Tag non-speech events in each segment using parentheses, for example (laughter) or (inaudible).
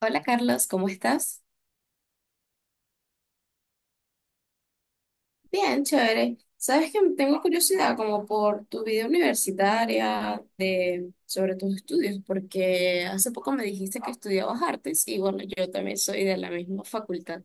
Hola Carlos, ¿cómo estás? Bien, chévere. Sabes que tengo curiosidad como por tu vida universitaria sobre tus estudios, porque hace poco me dijiste que estudiabas artes y bueno, yo también soy de la misma facultad.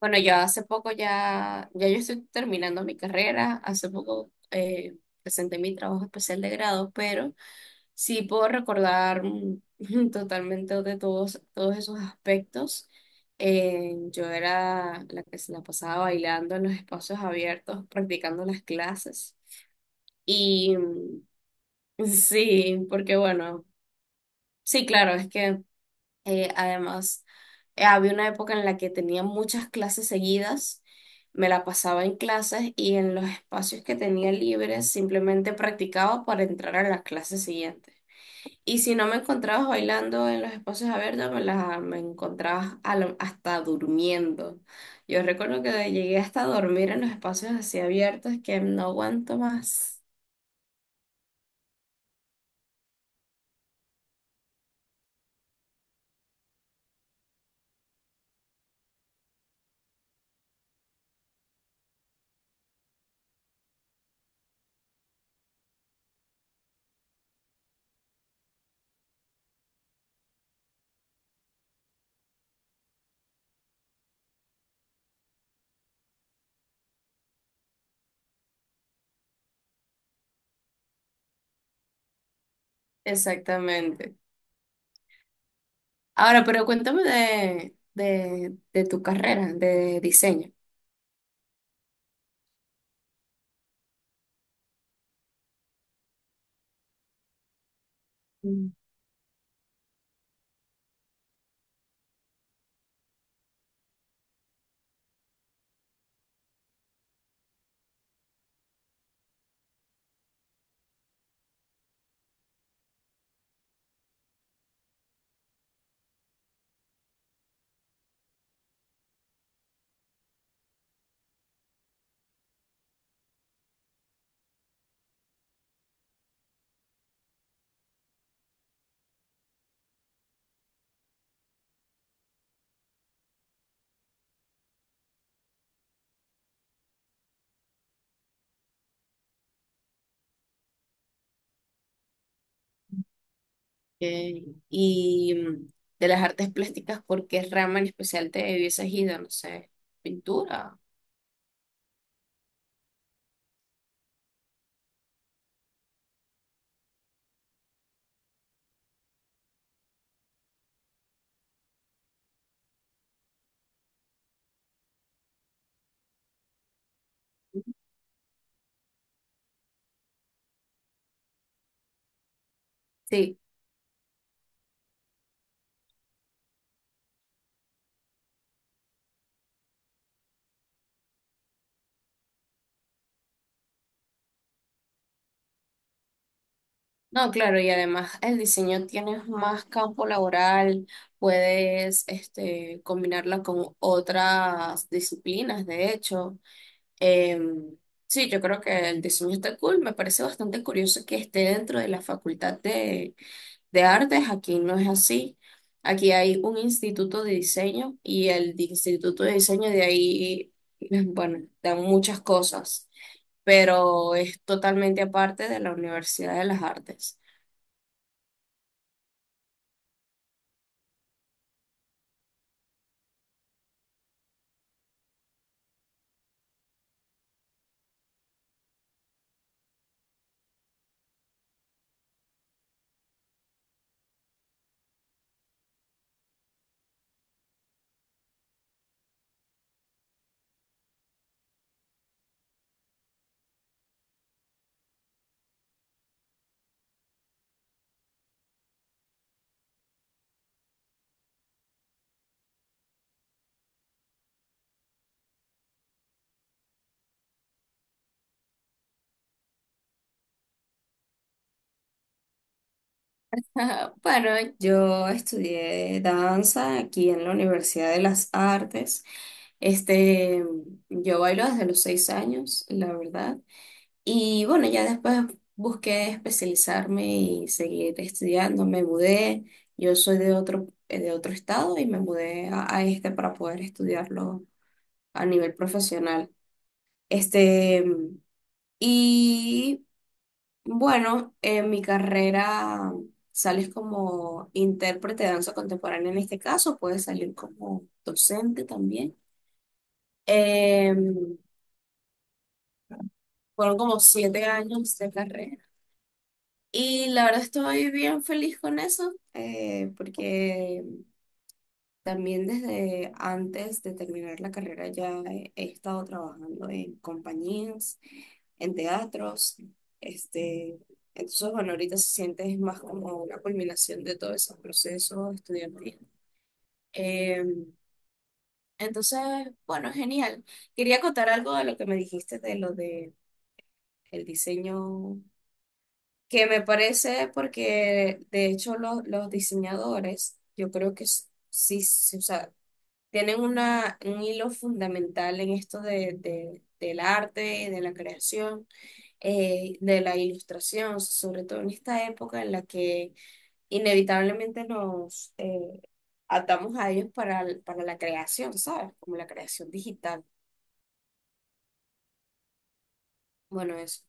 Bueno, yo hace poco ya yo estoy terminando mi carrera, hace poco presenté mi trabajo especial de grado, pero sí, puedo recordar (laughs) totalmente de todos esos aspectos. Yo era la que se la pasaba bailando en los espacios abiertos, practicando las clases. Y mm, (laughs) sí, porque bueno, sí, claro, es que además había una época en la que tenía muchas clases seguidas, me la pasaba en clases y en los espacios que tenía libres simplemente practicaba para entrar a la clase siguiente. Y si no me encontrabas bailando en los espacios abiertos, me encontrabas hasta durmiendo. Yo recuerdo que llegué hasta a dormir en los espacios así abiertos que no aguanto más. Exactamente. Ahora, pero cuéntame de tu carrera de diseño. Mm. eh, y mm, de las artes plásticas, ¿por qué rama en especial te hubieses ido? No sé, pintura. Sí. No, claro, y además el diseño tienes más campo laboral, puedes este, combinarla con otras disciplinas, de hecho. Em, sí, yo creo que el diseño está cool, me parece bastante curioso que esté dentro de la facultad de artes, aquí no es así. Aquí hay un instituto de diseño y el instituto de diseño de ahí, (laughs) bueno, dan muchas cosas, pero es totalmente aparte de la Universidad de las Artes. (laughs) Ajá, bueno, yo estudié danza aquí en la Universidad de las Artes. Este, yo bailo desde los 6 años, la verdad. Y bueno, ya después busqué especializarme y seguir estudiando. Me mudé. Yo soy de otro estado y me mudé a este para poder estudiarlo a nivel profesional. Este, y bueno, en mi carrera sales como intérprete de danza contemporánea en este caso, puedes salir como docente también. Eh, Fueron como 7 años de carrera y la verdad estoy bien feliz con eso, porque también desde antes de terminar la carrera ya he estado trabajando en compañías, en teatros. Este, entonces, bueno, ahorita se siente es más como una culminación de todos esos procesos estudiantiles. Eh, entonces, bueno, genial. Quería contar algo de lo que me dijiste de lo de el diseño, que me parece porque de hecho los diseñadores, yo creo que sí, sí, o sea, tienen una, un hilo fundamental en esto de, del arte y de la creación, de la ilustración, sobre todo en esta época en la que inevitablemente nos atamos a ellos para la creación, ¿sabes? Como la creación digital. Bueno, eso.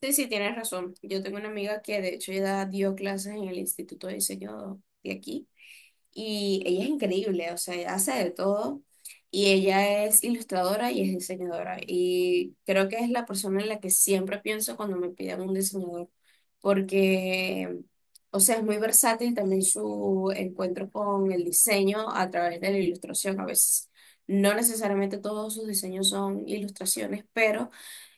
Sí, sí, tienes razón. Yo tengo una amiga que de hecho ya dio clases en el Instituto de Diseño de aquí y ella es increíble, o sea, ella hace de todo y ella es ilustradora y es diseñadora y creo que es la persona en la que siempre pienso cuando me piden un diseñador porque, o sea, es muy versátil también su encuentro con el diseño a través de la ilustración a veces. No necesariamente todos sus diseños son ilustraciones, pero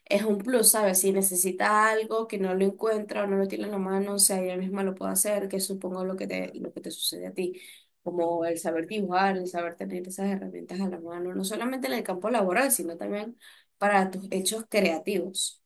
es un plus, ¿sabes? Si necesita algo que no lo encuentra o no lo tiene en la mano, o sea, ella misma lo puede hacer, que supongo lo que lo que te sucede a ti, como el saber dibujar, el saber tener esas herramientas a la mano, no solamente en el campo laboral, sino también para tus hechos creativos.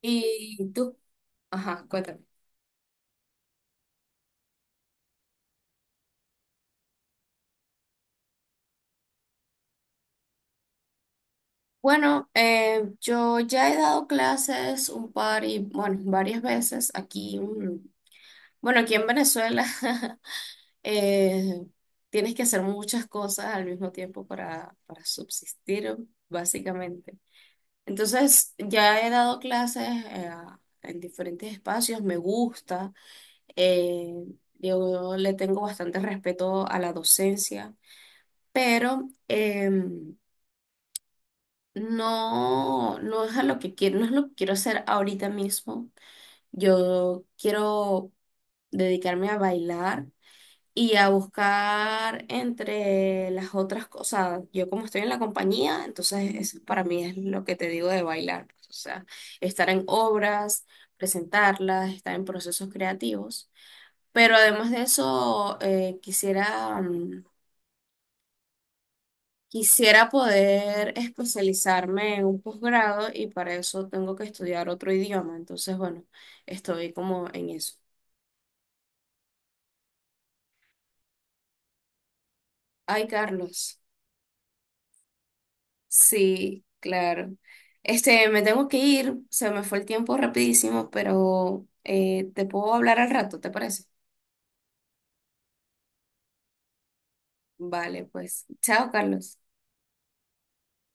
Y tú, ajá, cuéntame. Bueno, yo ya he dado clases un par y, bueno, varias veces aquí, mm, bueno, aquí en Venezuela. (laughs) Eh, tienes que hacer muchas cosas al mismo tiempo para subsistir, básicamente. Entonces, ya he dado clases en diferentes espacios, me gusta, eh, yo le tengo bastante respeto a la docencia, pero no, no es a lo que quiero, no es lo que quiero hacer ahorita mismo. Yo quiero dedicarme a bailar y a buscar entre las otras cosas. Yo como estoy en la compañía, entonces eso para mí es lo que te digo de bailar, pues, o sea, estar en obras, presentarlas, estar en procesos creativos. Pero además de eso, quisiera, quisiera poder especializarme en un posgrado y para eso tengo que estudiar otro idioma. Entonces, bueno, estoy como en eso. Ay, Carlos. Sí, claro. Este, me tengo que ir, se me fue el tiempo rapidísimo, pero te puedo hablar al rato, ¿te parece? Vale, pues. Chao, Carlos.